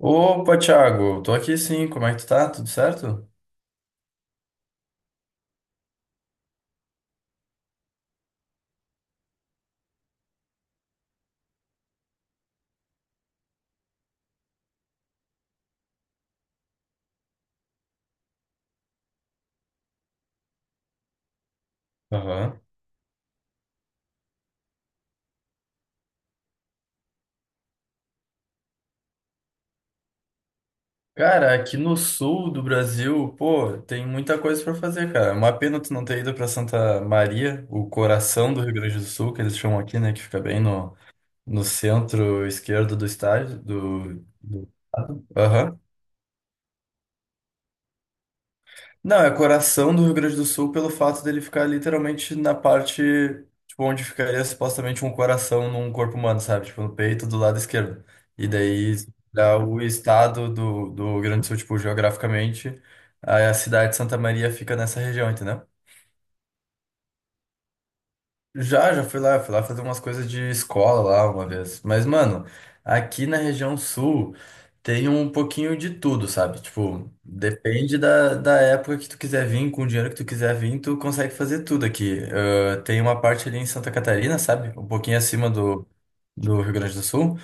Opa, Thiago, tô aqui sim, como é que tu tá? Tudo certo? Aham. Cara, aqui no sul do Brasil, pô, tem muita coisa pra fazer, cara. É uma pena tu não ter ido pra Santa Maria, o coração do Rio Grande do Sul, que eles chamam aqui, né, que fica bem no, no centro esquerdo do estádio, do... Aham. Não, é coração do Rio Grande do Sul pelo fato dele ficar literalmente na parte, tipo, onde ficaria supostamente um coração num corpo humano, sabe? Tipo, no peito do lado esquerdo. E daí, se olhar o estado do, do Rio Grande do Sul, tipo, geograficamente, a cidade de Santa Maria fica nessa região, entendeu? Já fui lá fazer umas coisas de escola lá uma vez. Mas, mano, aqui na região sul tem um pouquinho de tudo, sabe? Tipo, depende da época que tu quiser vir, com o dinheiro que tu quiser vir, tu consegue fazer tudo aqui. Ah, tem uma parte ali em Santa Catarina, sabe? Um pouquinho acima do Rio Grande do Sul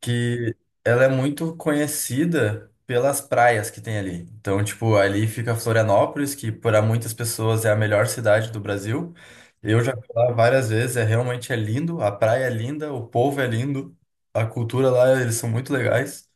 que ela é muito conhecida pelas praias que tem ali. Então, tipo, ali fica Florianópolis, que para muitas pessoas é a melhor cidade do Brasil. Eu já fui lá várias vezes, é realmente é lindo, a praia é linda, o povo é lindo, a cultura lá, eles são muito legais.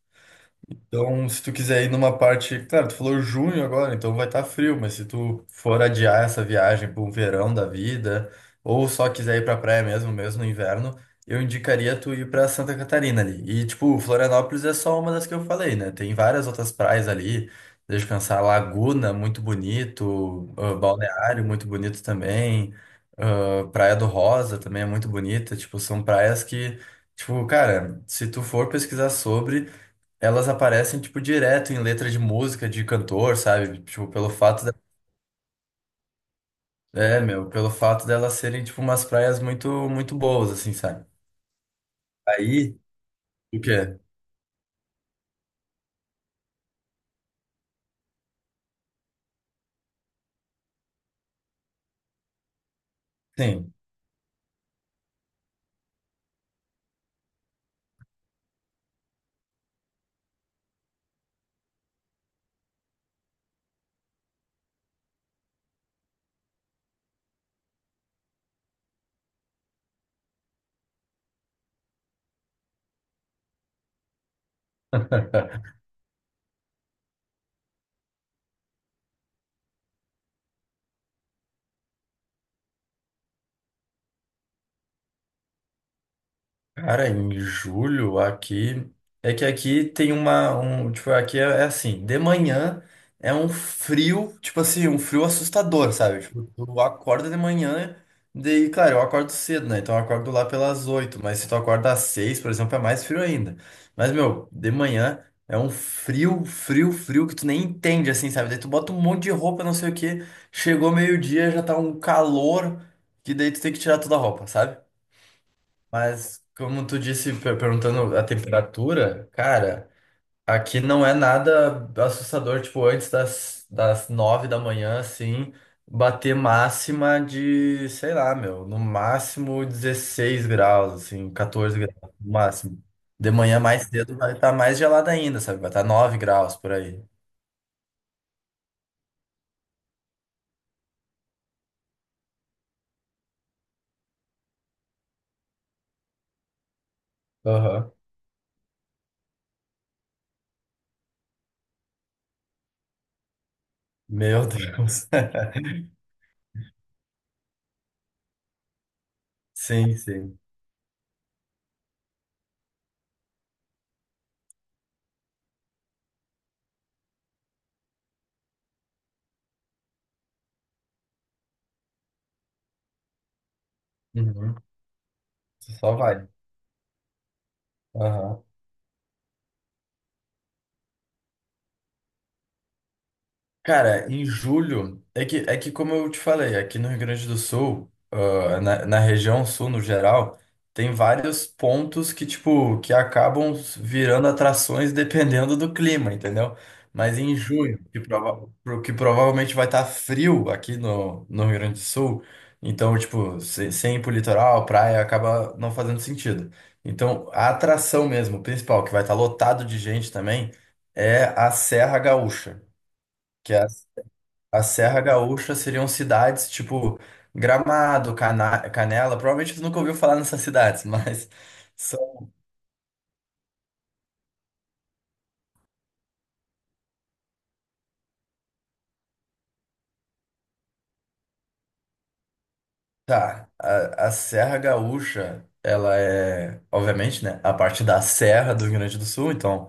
Então, se tu quiser ir numa parte, claro, tu falou junho agora, então vai estar frio, mas se tu for adiar essa viagem para um verão da vida, ou só quiser ir para praia mesmo, mesmo no inverno, eu indicaria tu ir para Santa Catarina ali. E tipo, Florianópolis é só uma das que eu falei, né? Tem várias outras praias ali, descansar Laguna, muito bonito, ah, Balneário, muito bonito também, ah, Praia do Rosa também é muito bonita, tipo, são praias que tipo, cara, se tu for pesquisar sobre, elas aparecem, tipo, direto em letra de música, de cantor, sabe? Tipo, pelo fato de... É, meu, pelo fato delas serem, tipo, umas praias muito, muito boas, assim, sabe? Aí, o quê? Sim. Cara, em julho aqui. É que aqui tem uma. Um, tipo, aqui é, é assim: de manhã é um frio, tipo assim, um frio assustador, sabe? Tipo, tu acorda de manhã, daí, claro, eu acordo cedo, né? Então eu acordo lá pelas 8, mas se tu acorda às 6, por exemplo, é mais frio ainda. Mas, meu, de manhã é um frio, frio, frio que tu nem entende, assim, sabe? Daí tu bota um monte de roupa, não sei o quê, chegou meio-dia, já tá um calor, que daí tu tem que tirar toda a roupa, sabe? Mas, como tu disse, perguntando a temperatura, cara, aqui não é nada assustador, tipo, antes das, das 9 da manhã, assim, bater máxima de, sei lá, meu, no máximo 16 graus, assim, 14 graus, no máximo. De manhã mais cedo vai estar mais gelada ainda, sabe? Vai estar 9 graus por aí. Aham. Meu Deus. Sim, sim. Uhum. Só vai. Aham. Cara, em julho, é que como eu te falei, aqui no Rio Grande do Sul, ah, na região sul no geral, tem vários pontos que, tipo, que acabam virando atrações dependendo do clima, entendeu? Mas em junho, que, que provavelmente vai estar frio aqui no, no Rio Grande do Sul, então, tipo, sem ir pro litoral, praia, acaba não fazendo sentido. Então, a atração mesmo, principal, que vai estar lotado de gente também, é a Serra Gaúcha. A Serra Gaúcha seriam cidades tipo Gramado, Cana Canela. Provavelmente você nunca ouviu falar nessas cidades, mas são- tá. A Serra Gaúcha, ela é, obviamente, né, a parte da Serra do Rio Grande do Sul. Então,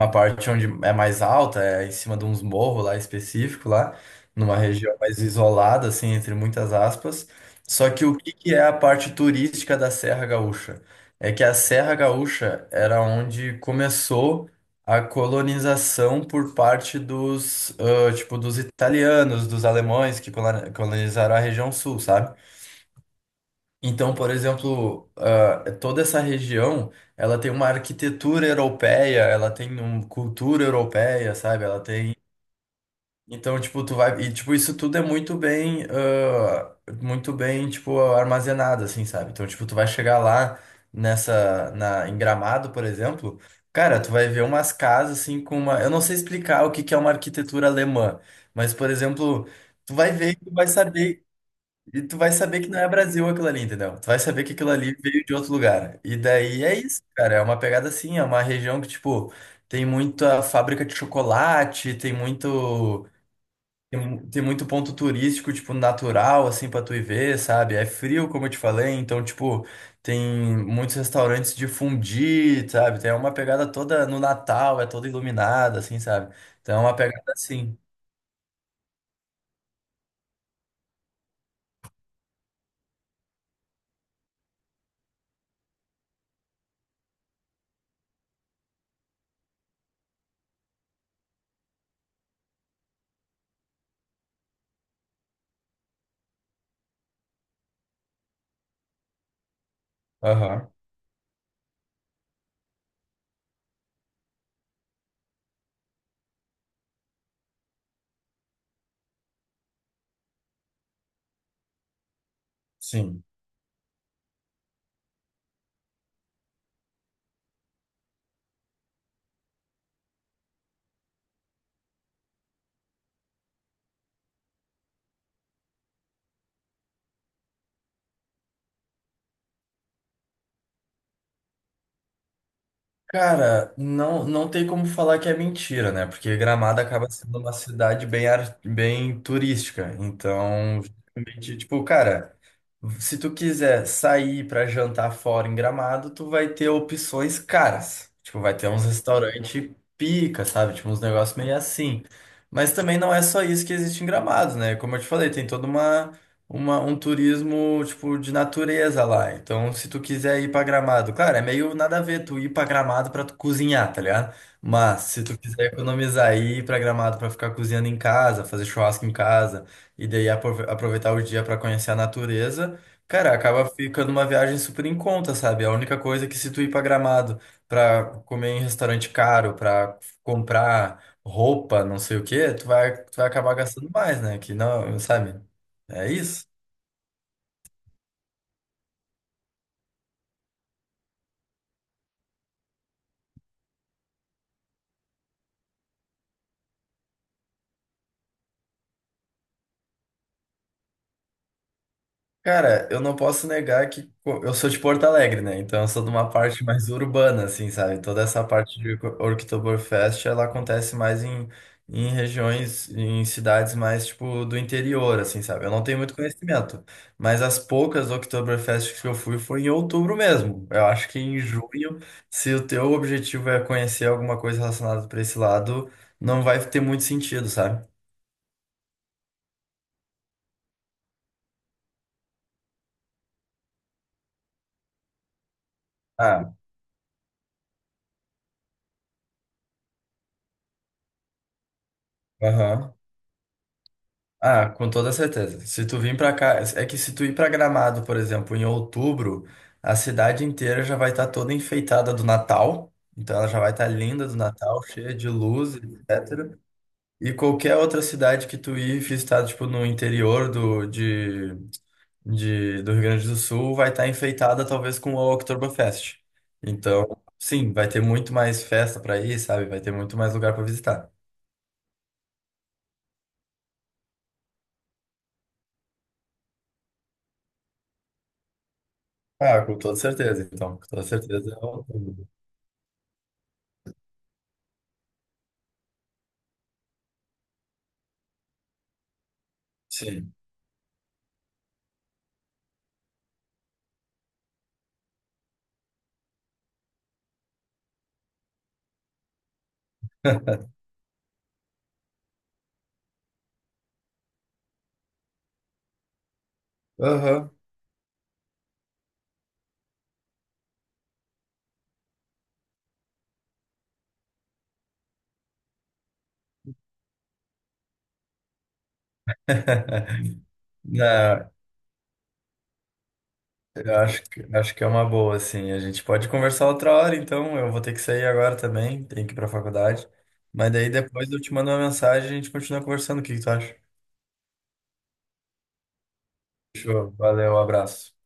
uma parte onde é mais alta, é em cima de uns morros lá específico lá, numa região mais isolada, assim, entre muitas aspas. Só que o que que é a parte turística da Serra Gaúcha? É que a Serra Gaúcha era onde começou a colonização por parte dos, ah, tipo, dos italianos, dos alemães que colonizaram a região sul, sabe? Então, por exemplo, ah, toda essa região, ela tem uma arquitetura europeia, ela tem uma cultura europeia, sabe? Ela tem. Então, tipo, tu vai. E, tipo, isso tudo é muito bem. Ah, muito bem, tipo, armazenado, assim, sabe? Então, tipo, tu vai chegar lá nessa. Na, em Gramado, por exemplo. Cara, tu vai ver umas casas, assim, com uma. Eu não sei explicar o que que é uma arquitetura alemã, mas, por exemplo. Tu vai ver, e tu vai saber e tu vai saber que não é Brasil aquilo ali, entendeu? Tu vai saber que aquilo ali veio de outro lugar. E daí é isso, cara. É uma pegada assim, é uma região que, tipo, tem muita fábrica de chocolate, tem muito. Tem, tem muito ponto turístico, tipo, natural, assim, pra tu ir ver, sabe? É frio, como eu te falei, então, tipo, tem muitos restaurantes de fondue, sabe? Tem uma pegada toda no Natal, é toda iluminada, assim, sabe? Então é uma pegada assim. Aham, sim. Cara, não, não tem como falar que é mentira, né? Porque Gramado acaba sendo uma cidade bem, bem turística. Então, justamente, tipo, cara, se tu quiser sair pra jantar fora em Gramado, tu vai ter opções caras. Tipo, vai ter uns restaurantes pica, sabe? Tipo, uns negócios meio assim. Mas também não é só isso que existe em Gramado, né? Como eu te falei, tem toda uma, um turismo, tipo, de natureza lá. Então, se tu quiser ir pra Gramado, claro, é meio nada a ver tu ir pra Gramado pra tu cozinhar, tá ligado? Mas se tu quiser economizar e ir pra Gramado pra ficar cozinhando em casa, fazer churrasco em casa e daí aproveitar o dia pra conhecer a natureza, cara, acaba ficando uma viagem super em conta, sabe? A única coisa é que se tu ir pra Gramado pra comer em restaurante caro, pra comprar roupa, não sei o quê, tu vai acabar gastando mais, né? Que não, sabe? É isso. Cara, eu não posso negar que eu sou de Porto Alegre, né? Então eu sou de uma parte mais urbana, assim, sabe? Toda essa parte de Oktoberfest, ela acontece mais em, em regiões, em cidades mais, tipo, do interior, assim, sabe? Eu não tenho muito conhecimento, mas as poucas Oktoberfest que eu fui foi em outubro mesmo. Eu acho que em junho, se o teu objetivo é conhecer alguma coisa relacionada para esse lado, não vai ter muito sentido, sabe? Ah, aham. Ah, com toda certeza. Se tu vir pra cá, é que se tu ir pra Gramado, por exemplo, em outubro, a cidade inteira já vai estar toda enfeitada do Natal. Então ela já vai estar linda do Natal, cheia de luz, etc. E qualquer outra cidade que tu ir visitar, tipo, no interior do, de, do Rio Grande do Sul, vai estar enfeitada talvez com o Oktoberfest. Então, sim, vai ter muito mais festa pra ir, sabe? Vai ter muito mais lugar pra visitar. Ah, com toda certeza, então. Com toda certeza. É outubro. Sim. Aham. Não, eu acho que é uma boa, assim. A gente pode conversar outra hora, então. Eu vou ter que sair agora também, tenho que ir pra faculdade. Mas daí depois eu te mando uma mensagem e a gente continua conversando. O que que tu acha? Fechou. Valeu, um abraço.